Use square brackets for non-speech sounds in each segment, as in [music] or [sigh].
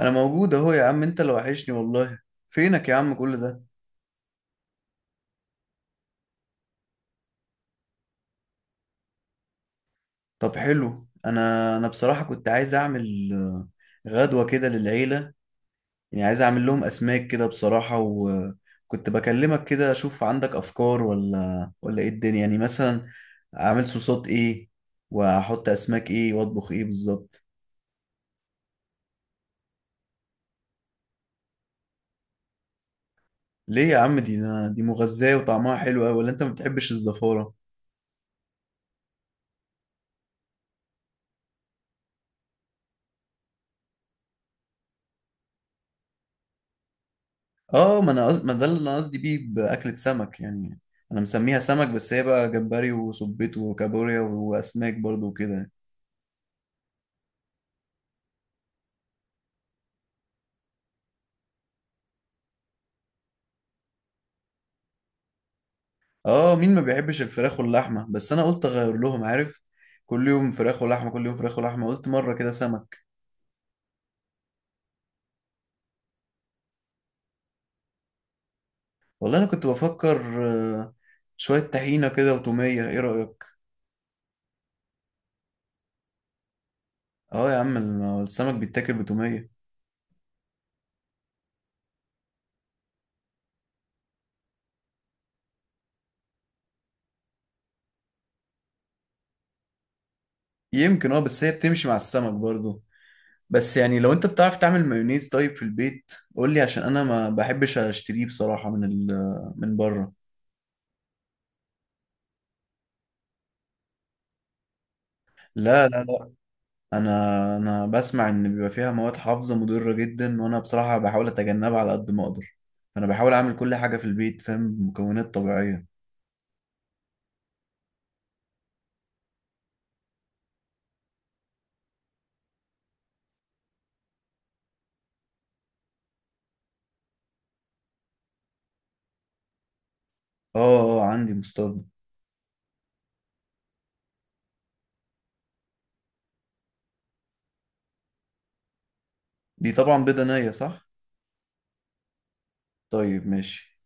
انا موجود اهو يا عم، انت اللي وحشني والله. فينك يا عم كل ده؟ طب حلو. انا بصراحة كنت عايز اعمل غدوة كده للعيلة. يعني عايز اعمل لهم اسماك كده بصراحة، وكنت بكلمك كده اشوف عندك افكار ولا ايه الدنيا؟ يعني مثلا اعمل صوصات ايه، واحط اسماك ايه، واطبخ ايه بالظبط؟ ليه يا عم دي؟ دي مغذية وطعمها حلو قوي، ولا انت ما بتحبش الزفارة؟ اه، ما ده اللي انا قصدي بيه باكلة سمك يعني. انا مسميها سمك، بس هي بقى جمبري وسبيط وكابوريا واسماك برضو وكده. اه، مين ما بيحبش الفراخ واللحمة؟ بس انا قلت اغير لهم، عارف؟ كل يوم فراخ ولحمة، كل يوم فراخ ولحمة، قلت مرة كده سمك. والله انا كنت بفكر آه، شوية طحينة كده وتومية. ايه رأيك؟ اه يا عم، السمك بيتاكل بتومية. يمكن اه، بس هي بتمشي مع السمك برضو. بس يعني لو انت بتعرف تعمل مايونيز طيب في البيت قول لي، عشان انا ما بحبش اشتريه بصراحة من ال من بره. لا، انا انا بسمع ان بيبقى فيها مواد حافظة مضرة جدا، وانا بصراحة بحاول اتجنبها على قد ما اقدر. انا بحاول اعمل كل حاجة في البيت، فاهم، بمكونات طبيعية. اه اه، عندي مستردة. دي طبعا بيضة نية صح؟ طيب ماشي.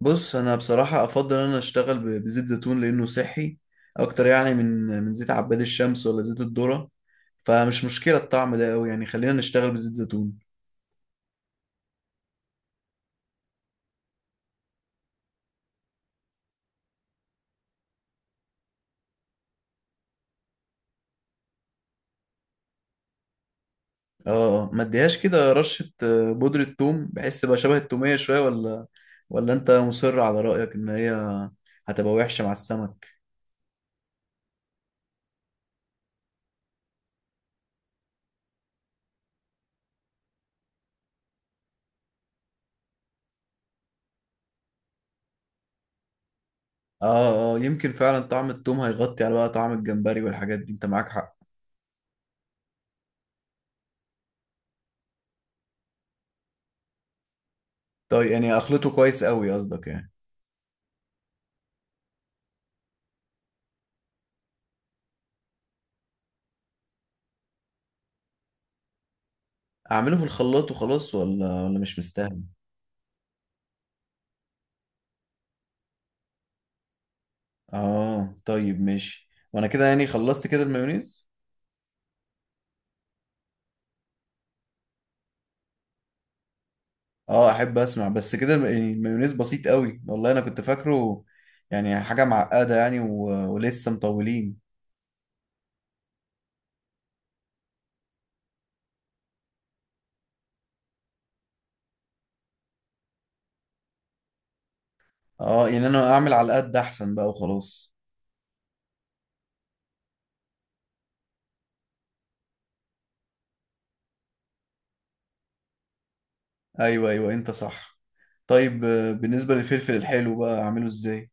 بص انا بصراحه افضل ان انا اشتغل بزيت زيتون لانه صحي اكتر يعني من زيت عباد الشمس، ولا زيت الذره. فمش مشكله الطعم ده قوي يعني، خلينا نشتغل بزيت زيتون. اه. ما اديهاش كده رشه بودره ثوم بحيث تبقى شبه التوميه شويه، ولا انت مصر على رايك ان هي هتبقى وحشه مع السمك؟ اه اه، يمكن فعلا طعم الثوم هيغطي على بقى طعم الجمبري والحاجات دي، انت معاك حق. طيب يعني اخلطه كويس قوي قصدك يعني؟ اعمله في الخلاط وخلاص، ولا مش مستاهل؟ اه طيب ماشي، وانا كده يعني خلصت كده المايونيز. اه احب اسمع، بس كده يعني المايونيز بسيط قوي والله، انا كنت فاكره يعني حاجة معقدة يعني ولسه مطولين. اه يعني انا اعمل على قد احسن بقى وخلاص. ايوه ايوه انت صح. طيب بالنسبة للفلفل الحلو بقى اعمله ازاي؟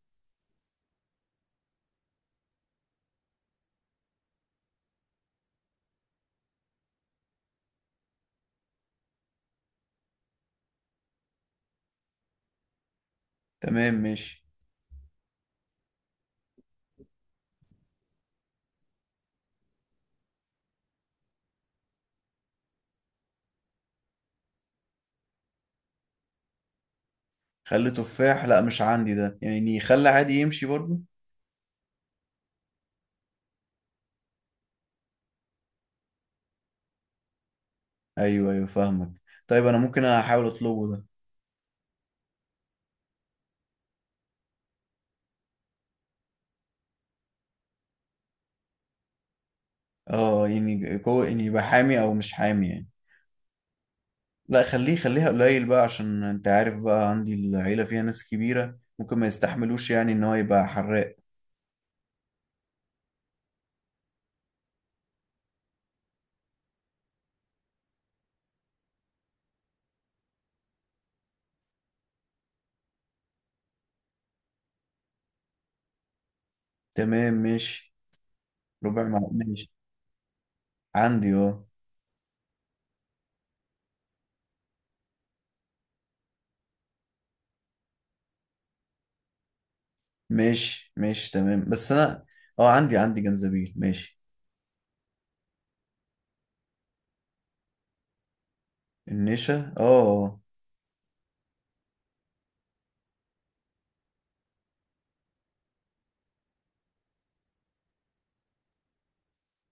تمام ماشي. خلي تفاح لا مش عندي، ده يعني خلي عادي يمشي برضو. ايوه ايوه فاهمك. طيب انا ممكن احاول اطلبه ده. اه يعني كو يعني يبقى حامي او مش حامي يعني؟ لا، خليه، خليها قليل بقى، عشان انت عارف بقى عندي العيلة فيها ناس كبيرة ممكن ما يستحملوش يعني ان هو يبقى حراق. تمام ماشي. ربع مع ماشي. عندي اه. ماشي ماشي تمام. بس انا اه عندي جنزبيل، ماشي. النشا اه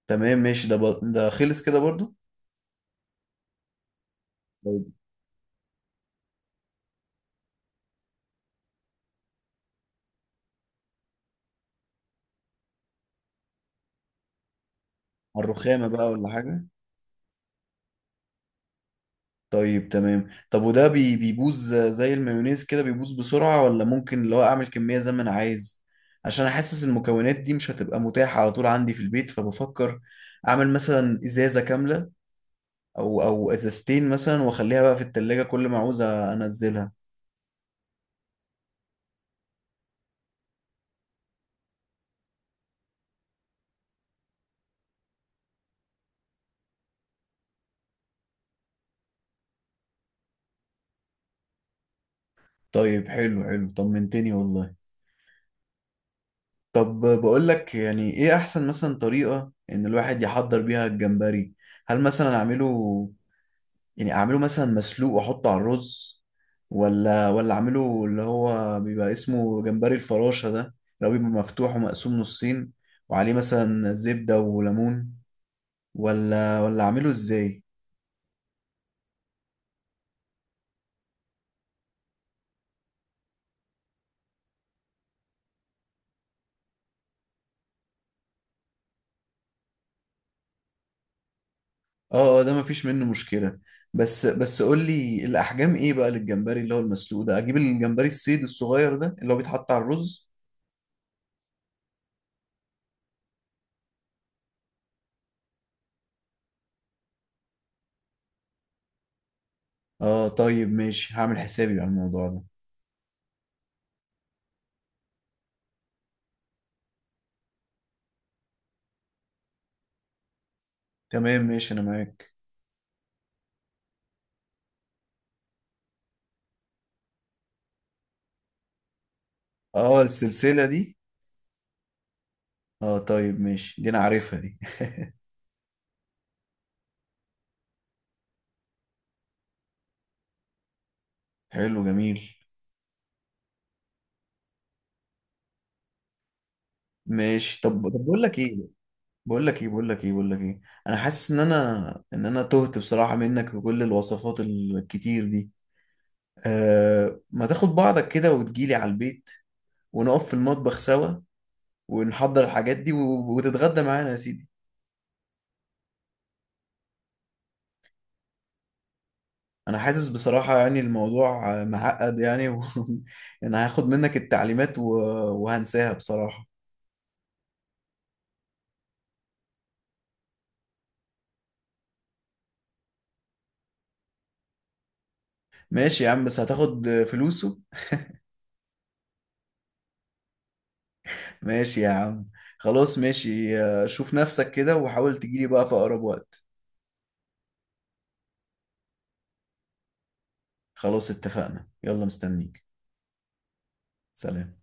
تمام ماشي. ده خلص كده برضو؟ طيب على الرخامة بقى ولا حاجة؟ طيب تمام. طب وده بيبوظ زي المايونيز كده بيبوظ بسرعة، ولا ممكن لو اعمل كمية زي ما انا عايز عشان احسس المكونات دي مش هتبقى متاحة على طول عندي في البيت؟ فبفكر اعمل مثلا ازازة كاملة، او ازازتين مثلا واخليها بقى في التلاجة كل ما عاوز انزلها. طيب حلو حلو، طمنتني والله. طب بقول لك، يعني ايه احسن مثلا طريقة ان الواحد يحضر بيها الجمبري؟ هل مثلا اعمله، يعني اعمله مثلا مسلوق واحطه على الرز، ولا اعمله اللي هو بيبقى اسمه جمبري الفراشة ده، لو بيبقى مفتوح ومقسوم نصين وعليه مثلا زبدة وليمون، ولا اعمله ازاي؟ اه اه ده مفيش منه مشكلة. بس قول لي الاحجام ايه بقى للجمبري اللي هو المسلوق ده؟ اجيب الجمبري الصيد الصغير ده اللي هو بيتحط على الرز؟ اه طيب ماشي، هعمل حسابي على الموضوع ده. تمام ماشي انا معاك. اه السلسلة دي. اه طيب ماشي، دي انا عارفها دي. حلو جميل. ماشي. طب بقول لك ايه. انا حاسس ان انا تهت بصراحة منك بكل الوصفات الكتير دي. آه، ما تاخد بعضك كده وتجيلي على البيت، ونقف في المطبخ سوا، ونحضر الحاجات دي وتتغدى معانا يا سيدي. انا حاسس بصراحة يعني الموضوع معقد يعني [laughs] انا هاخد منك التعليمات وهنساها بصراحة. ماشي يا عم، بس هتاخد فلوسه. ماشي يا عم. خلاص ماشي، شوف نفسك كده وحاول تجيلي بقى في أقرب وقت. خلاص اتفقنا، يلا مستنيك. سلام.